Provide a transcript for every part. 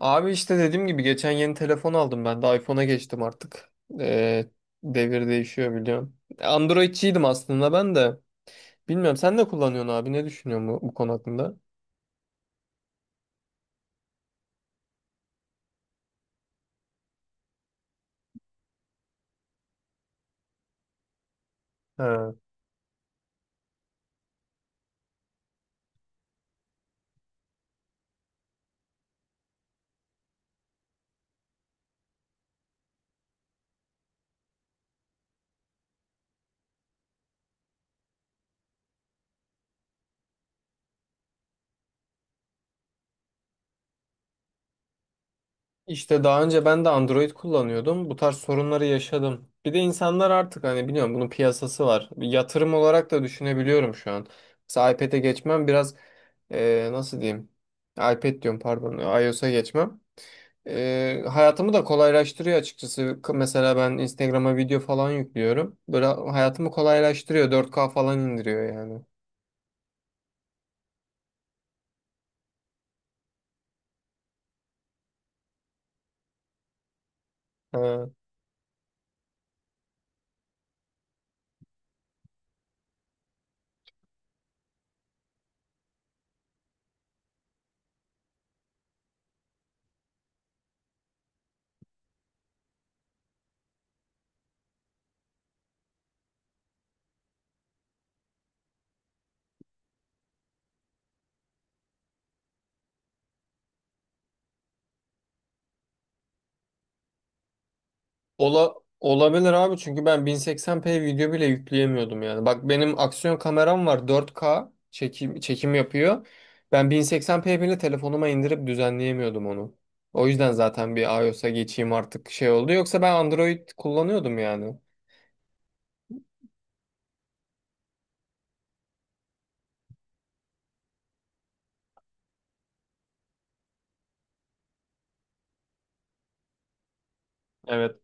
Abi işte dediğim gibi geçen yeni telefon aldım ben de iPhone'a geçtim artık. Ee, Devir değişiyor biliyorum. Androidçiydim aslında ben de. Bilmiyorum sen ne kullanıyorsun abi ne düşünüyorsun bu konu hakkında? Ha. İşte daha önce ben de Android kullanıyordum. Bu tarz sorunları yaşadım. Bir de insanlar artık hani biliyorum bunun piyasası var. Bir yatırım olarak da düşünebiliyorum şu an. Mesela iPad'e geçmem biraz nasıl diyeyim? iPad diyorum pardon iOS'a geçmem. Hayatımı da kolaylaştırıyor açıkçası. Mesela ben Instagram'a video falan yüklüyorum. Böyle hayatımı kolaylaştırıyor. 4K falan indiriyor yani. Ha. Ola, olabilir abi çünkü ben 1080p video bile yükleyemiyordum yani. Bak benim aksiyon kameram var 4K çekim yapıyor. Ben 1080p bile telefonuma indirip düzenleyemiyordum onu. O yüzden zaten bir iOS'a geçeyim artık şey oldu. Yoksa ben Android kullanıyordum yani. Evet.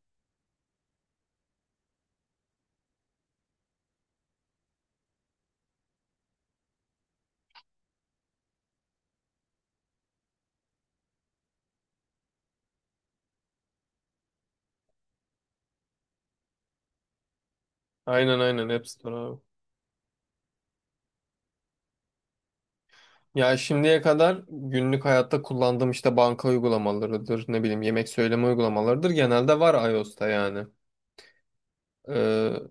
Aynen App Store abi. Ya şimdiye kadar günlük hayatta kullandığım işte banka uygulamalarıdır, ne bileyim yemek söyleme uygulamalarıdır. Genelde var iOS'ta yani. Ee,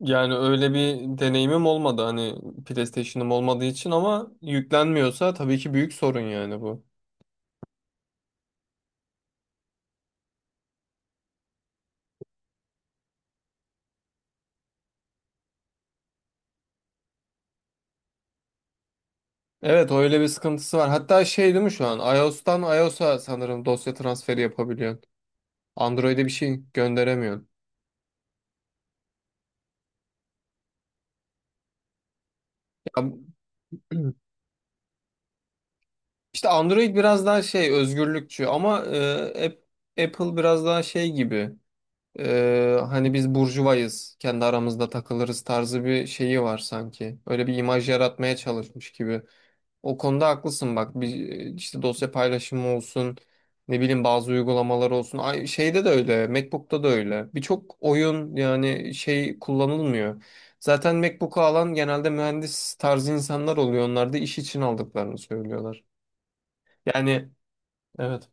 Yani öyle bir deneyimim olmadı hani PlayStation'ım olmadığı için ama yüklenmiyorsa tabii ki büyük sorun yani bu. Evet öyle bir sıkıntısı var. Hatta şey değil mi şu an? iOS'tan iOS'a sanırım dosya transferi yapabiliyorsun. Android'e bir şey gönderemiyorsun. Ya, işte Android biraz daha şey özgürlükçü ama Apple biraz daha şey gibi. E, hani biz burjuvayız, kendi aramızda takılırız tarzı bir şeyi var sanki. Öyle bir imaj yaratmaya çalışmış gibi. O konuda haklısın bak bir işte dosya paylaşımı olsun ne bileyim bazı uygulamalar olsun Ay, şeyde de öyle MacBook'ta da öyle birçok oyun yani şey kullanılmıyor. Zaten MacBook'u alan genelde mühendis tarzı insanlar oluyor onlar da iş için aldıklarını söylüyorlar. Yani evet.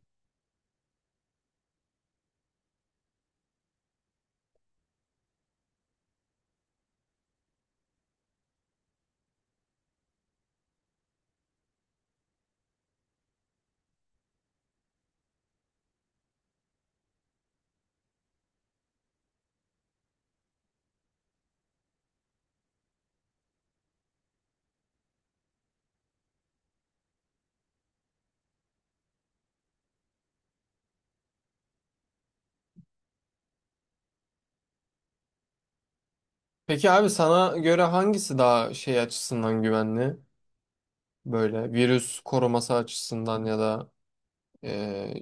Peki abi sana göre hangisi daha şey açısından güvenli böyle virüs koruması açısından ya da e,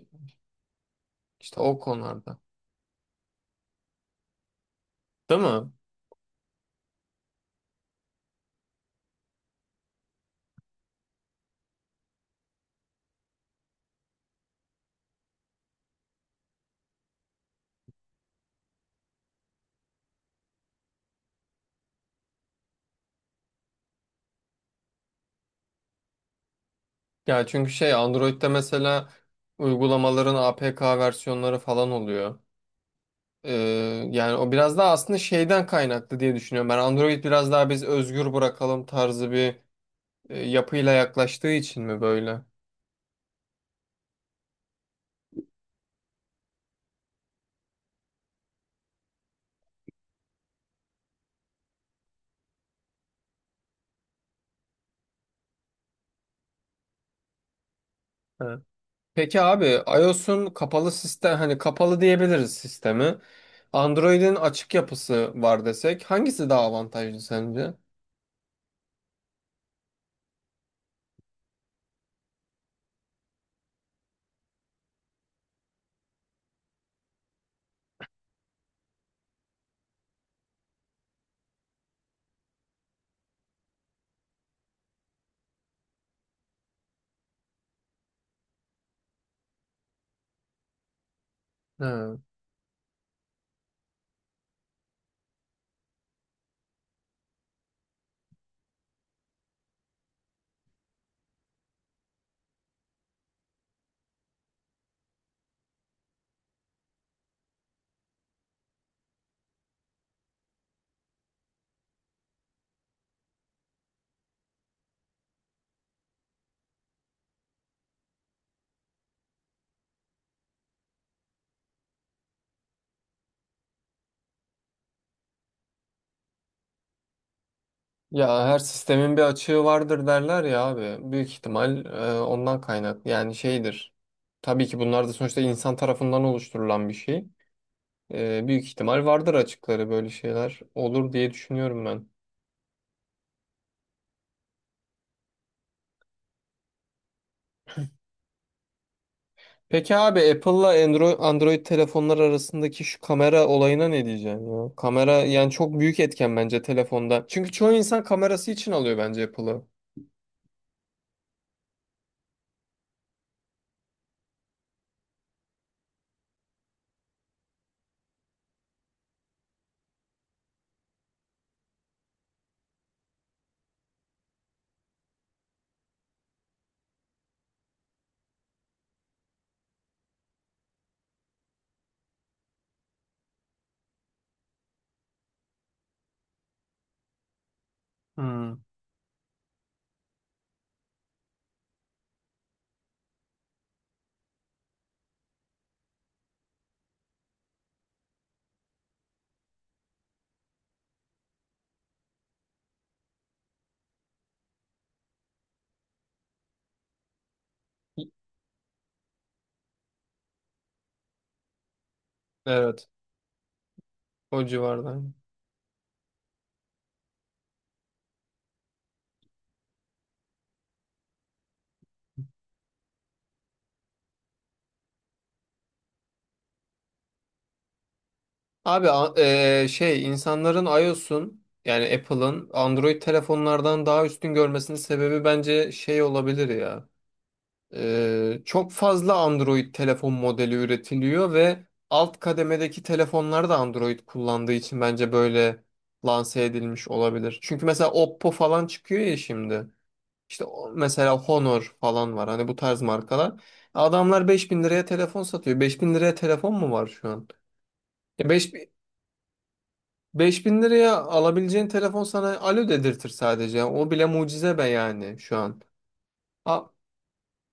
işte o konularda değil mi? Ya çünkü şey Android'de mesela uygulamaların APK versiyonları falan oluyor. Ee, Yani o biraz daha aslında şeyden kaynaklı diye düşünüyorum. Ben Android biraz daha biz özgür bırakalım tarzı bir yapıyla yaklaştığı için mi böyle? Evet. Peki abi iOS'un kapalı sistem hani kapalı diyebiliriz sistemi. Android'in açık yapısı var desek hangisi daha avantajlı sence? Ha. Ya her sistemin bir açığı vardır derler ya abi. Büyük ihtimal ondan kaynak. Yani şeydir. Tabii ki bunlar da sonuçta insan tarafından oluşturulan bir şey. Büyük ihtimal vardır açıkları böyle şeyler olur diye düşünüyorum ben. Peki abi Apple'la Android telefonlar arasındaki şu kamera olayına ne diyeceksin ya? Kamera yani çok büyük etken bence telefonda. Çünkü çoğu insan kamerası için alıyor bence Apple'ı. Hmm. Evet. O civarda. Abi şey insanların iOS'un yani Apple'ın Android telefonlardan daha üstün görmesinin sebebi bence şey olabilir ya. Çok fazla Android telefon modeli üretiliyor ve alt kademedeki telefonlar da Android kullandığı için bence böyle lanse edilmiş olabilir. Çünkü mesela Oppo falan çıkıyor ya şimdi. İşte mesela Honor falan var hani bu tarz markalar. Adamlar 5000 liraya telefon satıyor. 5000 liraya telefon mu var şu an? 5.000 liraya alabileceğin telefon sana alo dedirtir sadece. O bile mucize be yani şu an. A-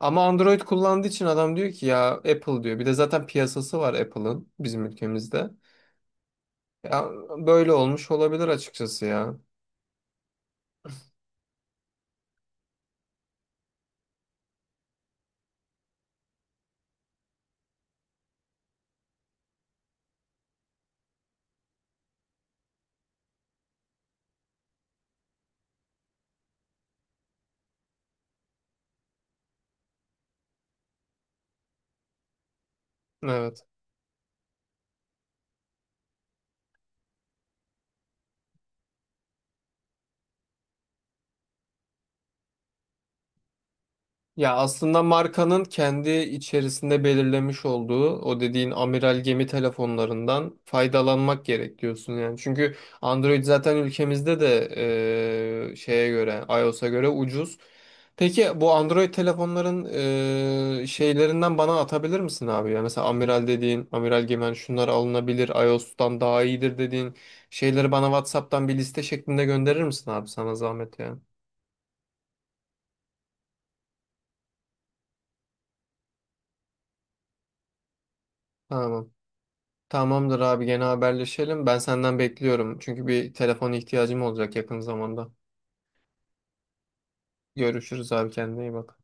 Ama Android kullandığı için adam diyor ki ya Apple diyor. Bir de zaten piyasası var Apple'ın bizim ülkemizde. Ya böyle olmuş olabilir açıkçası ya. Evet. Ya aslında markanın kendi içerisinde belirlemiş olduğu o dediğin amiral gemi telefonlarından faydalanmak gerek diyorsun yani. Çünkü Android zaten ülkemizde de şeye göre iOS'a göre ucuz. Peki bu Android telefonların şeylerinden bana atabilir misin abi ya? Mesela amiral gemi hani şunlar alınabilir, iOS'tan daha iyidir dediğin şeyleri bana WhatsApp'tan bir liste şeklinde gönderir misin abi sana zahmet ya? Tamam. Tamamdır abi gene haberleşelim. Ben senden bekliyorum. Çünkü bir telefon ihtiyacım olacak yakın zamanda. Görüşürüz abi kendine iyi bak.